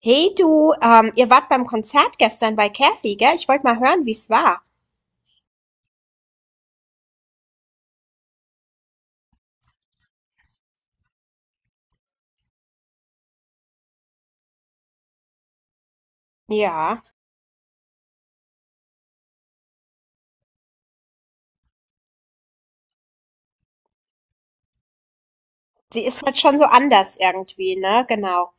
Hey du, ihr wart beim Konzert gestern bei Kathy, gell? Ich wollte mal hören, wie's war. Ja, sie ist halt schon so anders irgendwie, ne? Genau.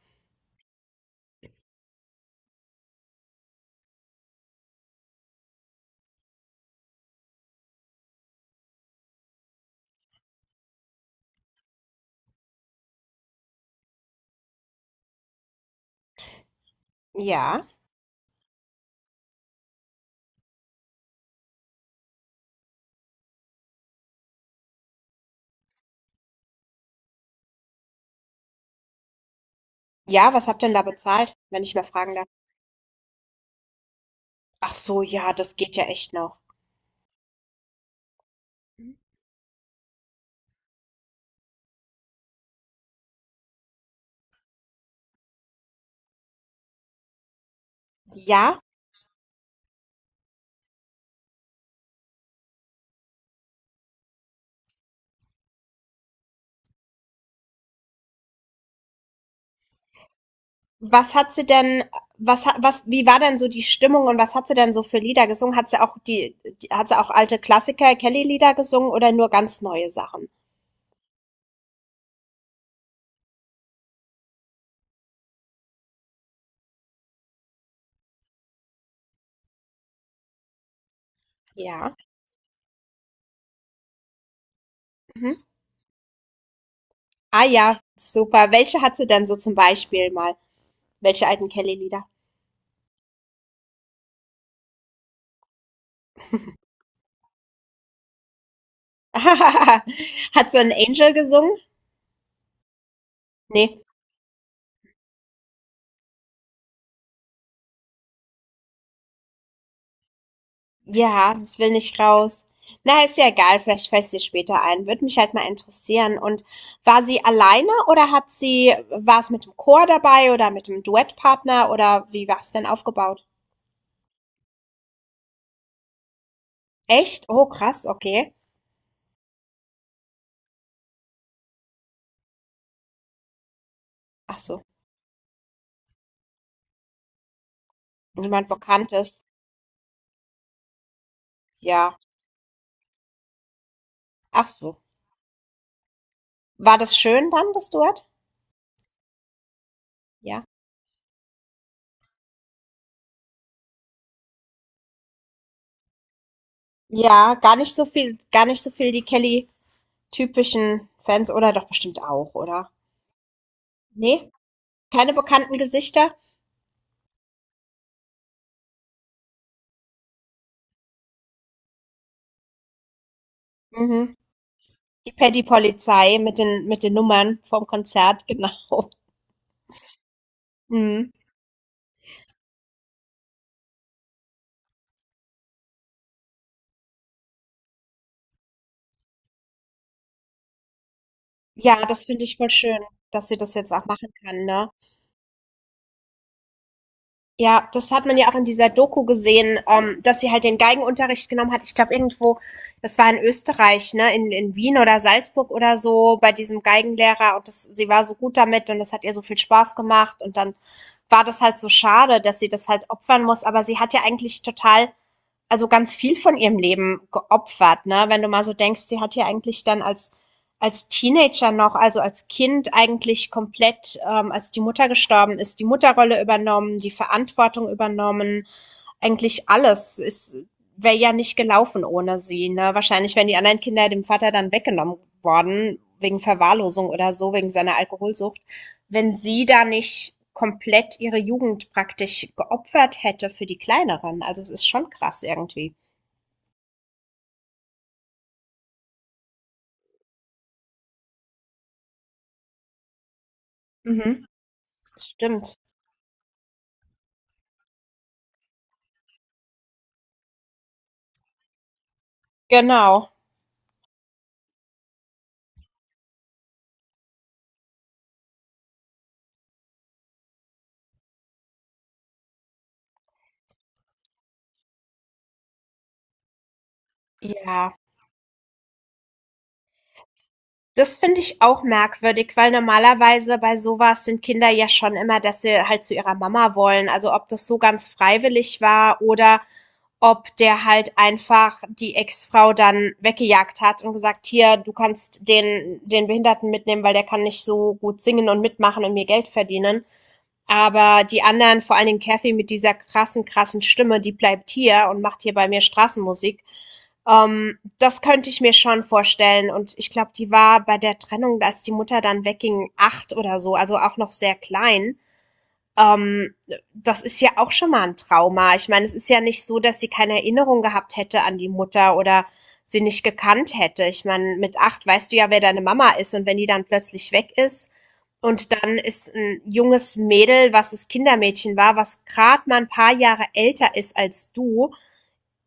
Ja. Ja, was habt ihr denn da bezahlt, wenn ich mal fragen darf? Ach so, ja, das geht ja echt noch. Ja, was hat sie denn, was hat, was, wie war denn so die Stimmung und was hat sie denn so für Lieder gesungen? Hat sie auch die, Die hat sie auch alte Klassiker, Kelly-Lieder gesungen oder nur ganz neue Sachen? Ja. Mhm. Ah ja, super. Welche hat sie denn so zum Beispiel mal? Welche alten Kelly-Lieder? Hat so ein Angel gesungen? Nee. Ja, das will nicht raus. Na, ist ja egal, vielleicht fällt sie später ein. Würde mich halt mal interessieren. Und war sie alleine oder war es mit dem Chor dabei oder mit dem Duettpartner oder wie war es denn aufgebaut? Echt? Oh, krass, okay. Ach so, niemand Bekanntes. Ja, ach so. War das schön dann, das Duett? Ja. Ja, gar nicht so viel die Kelly-typischen Fans oder doch bestimmt auch, oder? Ne? Keine bekannten Gesichter? Mhm. Die Paddy-Polizei mit den Nummern vom Konzert, genau. Mhm. Ja, das finde ich voll schön, dass sie das jetzt auch machen kann, ne? Ja, das hat man ja auch in dieser Doku gesehen, dass sie halt den Geigenunterricht genommen hat. Ich glaube irgendwo, das war in Österreich, ne, in Wien oder Salzburg oder so, bei diesem Geigenlehrer und das, sie war so gut damit und das hat ihr so viel Spaß gemacht und dann war das halt so schade, dass sie das halt opfern muss, aber sie hat ja eigentlich total, also ganz viel von ihrem Leben geopfert, ne? Wenn du mal so denkst, sie hat ja eigentlich dann als Teenager noch, also als Kind eigentlich komplett, als die Mutter gestorben ist, die Mutterrolle übernommen, die Verantwortung übernommen, eigentlich alles. Es wäre ja nicht gelaufen ohne sie. Ne? Wahrscheinlich wären die anderen Kinder dem Vater dann weggenommen worden, wegen Verwahrlosung oder so, wegen seiner Alkoholsucht, wenn sie da nicht komplett ihre Jugend praktisch geopfert hätte für die Kleineren. Also es ist schon krass irgendwie. Mhm. Stimmt. Genau. Ja. Das finde ich auch merkwürdig, weil normalerweise bei sowas sind Kinder ja schon immer, dass sie halt zu ihrer Mama wollen. Also ob das so ganz freiwillig war oder ob der halt einfach die Ex-Frau dann weggejagt hat und gesagt, hier, du kannst den Behinderten mitnehmen, weil der kann nicht so gut singen und mitmachen und mir Geld verdienen. Aber die anderen, vor allen Dingen Kathy mit dieser krassen, krassen Stimme, die bleibt hier und macht hier bei mir Straßenmusik. Das könnte ich mir schon vorstellen. Und ich glaube, die war bei der Trennung, als die Mutter dann wegging, 8 oder so, also auch noch sehr klein. ähm, Das ist ja auch schon mal ein Trauma. Ich meine, es ist ja nicht so, dass sie keine Erinnerung gehabt hätte an die Mutter oder sie nicht gekannt hätte. Ich meine, mit 8 weißt du ja, wer deine Mama ist, und wenn die dann plötzlich weg ist und dann ist ein junges Mädel, was das Kindermädchen war, was gerade mal ein paar Jahre älter ist als du,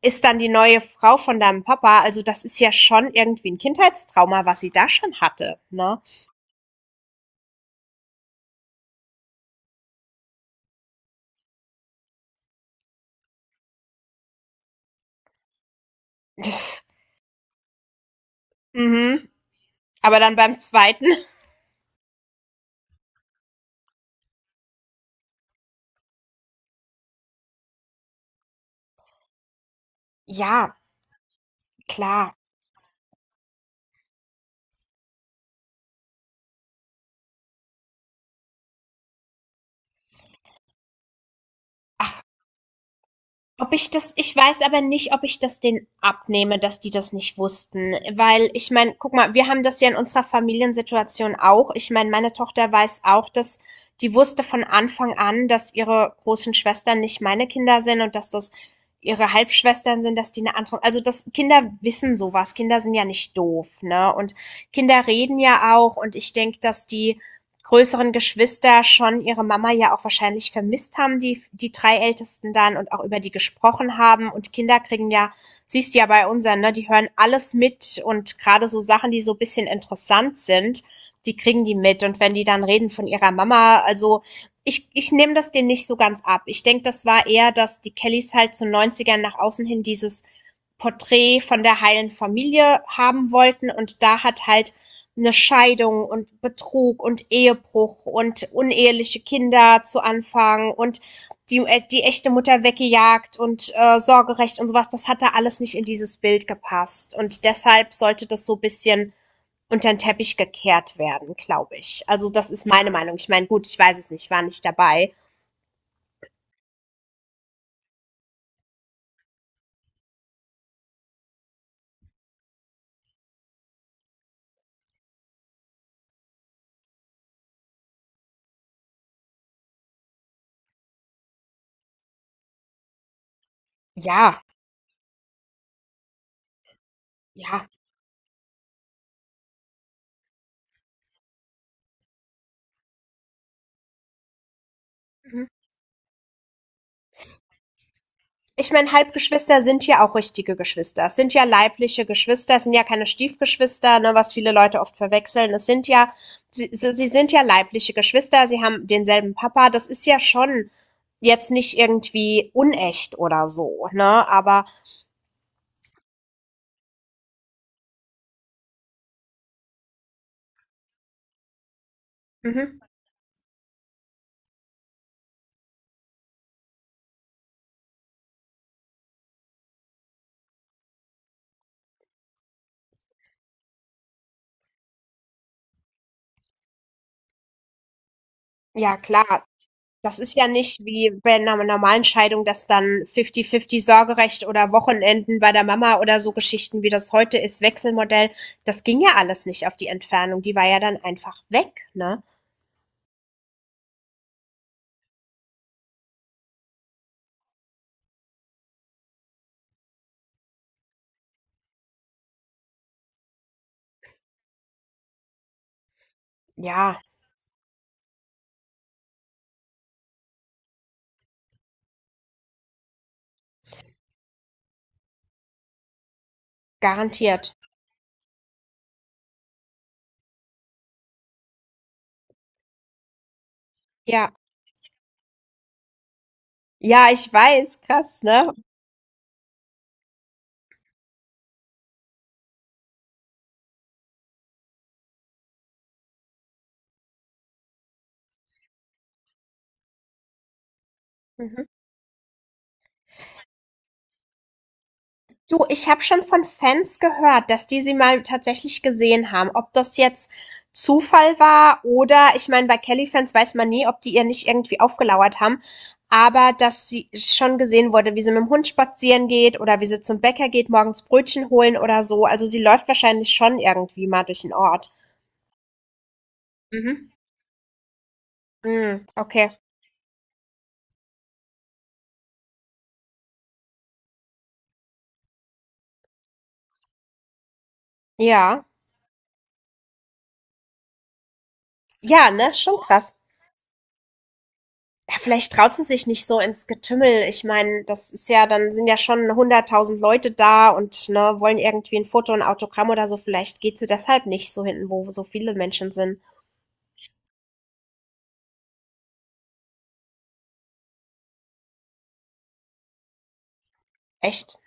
ist dann die neue Frau von deinem Papa. Also das ist ja schon irgendwie ein Kindheitstrauma, was sie da schon hatte, ne? Das, mhm. Aber dann beim zweiten, ja, klar. Ach, Ob ich das ich weiß aber nicht, ob ich das denen abnehme, dass die das nicht wussten, weil, ich meine, guck mal, wir haben das ja in unserer Familiensituation auch. Ich meine, meine Tochter weiß auch, dass die wusste von Anfang an, dass ihre großen Schwestern nicht meine Kinder sind und dass das ihre Halbschwestern sind, dass die eine andere, also das Kinder wissen sowas. Kinder sind ja nicht doof, ne? Und Kinder reden ja auch und ich denke, dass die größeren Geschwister schon ihre Mama ja auch wahrscheinlich vermisst haben, die drei Ältesten dann, und auch über die gesprochen haben. Und Kinder kriegen ja, siehst du ja bei unseren, ne, die hören alles mit, und gerade so Sachen, die so ein bisschen interessant sind, die kriegen die mit. Und wenn die dann reden von ihrer Mama, also ich nehme das denen nicht so ganz ab. Ich denke, das war eher, dass die Kellys halt zu 90ern nach außen hin dieses Porträt von der heilen Familie haben wollten. Und da hat halt eine Scheidung und Betrug und Ehebruch und uneheliche Kinder zu Anfang und die echte Mutter weggejagt und Sorgerecht und sowas, das hat da alles nicht in dieses Bild gepasst. Und deshalb sollte das so ein bisschen unter den Teppich gekehrt werden, glaube ich. Also das ist meine Meinung. Ich meine, gut, ich weiß es nicht, war nicht dabei. Ja, ja. Mhm. Ich meine, Halbgeschwister sind ja auch richtige Geschwister. Es sind ja leibliche Geschwister, es sind ja keine Stiefgeschwister, ne, was viele Leute oft verwechseln. Es sind ja, sie, sie sie sind ja leibliche Geschwister, sie haben denselben Papa. Das ist ja schon jetzt nicht irgendwie unecht oder so, ne? Aber mhm, ja, klar. Das ist ja nicht wie bei einer normalen Scheidung, dass dann fifty-fifty Sorgerecht oder Wochenenden bei der Mama oder so Geschichten, wie das heute ist, Wechselmodell. Das ging ja alles nicht auf die Entfernung. Die war ja dann einfach weg, ne? Ja, garantiert. Ja. Ja, ich weiß, krass, ne? Mhm. Du, ich habe schon von Fans gehört, dass die sie mal tatsächlich gesehen haben. Ob das jetzt Zufall war oder, ich meine, bei Kelly-Fans weiß man nie, ob die ihr nicht irgendwie aufgelauert haben, aber dass sie schon gesehen wurde, wie sie mit dem Hund spazieren geht oder wie sie zum Bäcker geht, morgens Brötchen holen oder so. Also sie läuft wahrscheinlich schon irgendwie mal durch den Ort. Mhm. Mm, okay. Ja. Ja, ne? Schon krass. Ja, vielleicht traut sie sich nicht so ins Getümmel. Ich meine, das ist ja, dann sind ja schon 100.000 Leute da und ne, wollen irgendwie ein Foto, ein Autogramm oder so. Vielleicht geht sie deshalb nicht so hinten, wo so viele Menschen sind. Echt?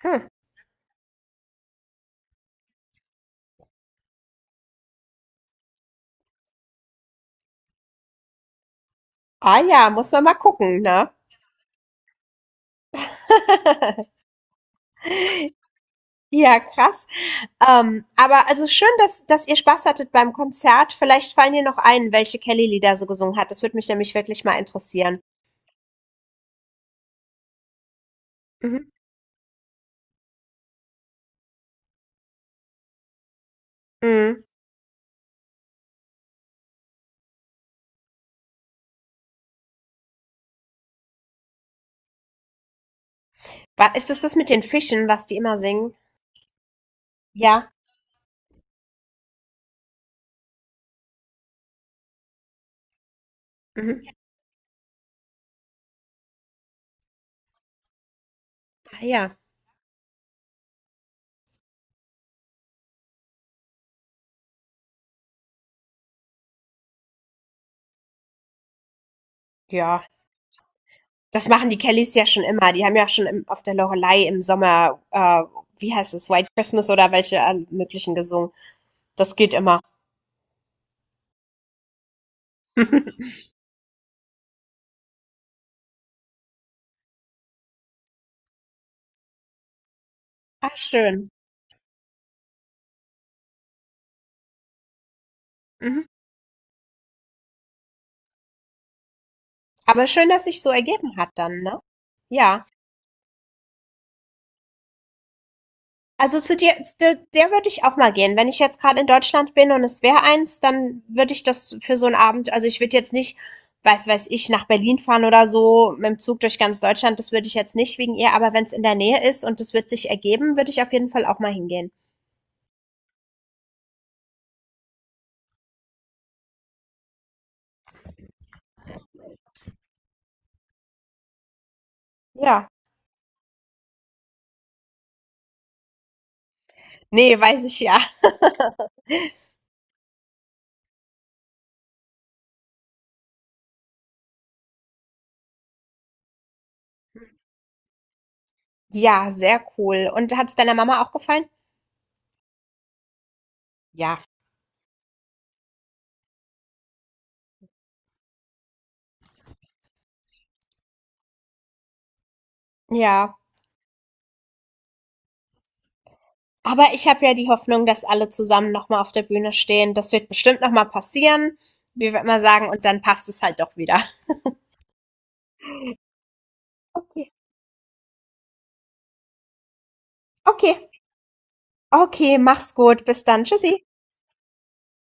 Hm. Ah ja, muss man mal gucken, ne? Ja, krass. Aber also schön, dass ihr Spaß hattet beim Konzert. Vielleicht fallen dir noch ein, welche Kelly-Lieder so gesungen hat. Das würde mich nämlich wirklich mal interessieren. Mhm. Mhm. Ist es das mit den Fischen, was die immer singen? Ja. Mhm. Ah, ja. Ja. Das machen die Kellys ja schon immer. Die haben ja schon auf der Loreley im Sommer, wie heißt es, White Christmas oder welche möglichen gesungen. Das geht immer. Ah, schön. Mhm. Aber schön, dass sich so ergeben hat dann, ne? Ja. Also zu dir, zu der, der würde ich auch mal gehen. Wenn ich jetzt gerade in Deutschland bin und es wäre eins, dann würde ich das für so einen Abend, also ich würde jetzt nicht, weiß ich, nach Berlin fahren oder so, mit dem Zug durch ganz Deutschland, das würde ich jetzt nicht wegen ihr, aber wenn es in der Nähe ist und das wird sich ergeben, würde ich auf jeden Fall auch mal hingehen. Ja. Ne, weiß ich ja. Ja, sehr cool. Und hat es deiner Mama auch gefallen? Ja. Ja. Aber ich habe ja die Hoffnung, dass alle zusammen noch mal auf der Bühne stehen. Das wird bestimmt noch mal passieren. Wie wir immer sagen, und dann passt es halt doch wieder. Okay. Okay. Okay, mach's gut. Bis dann. Tschüssi.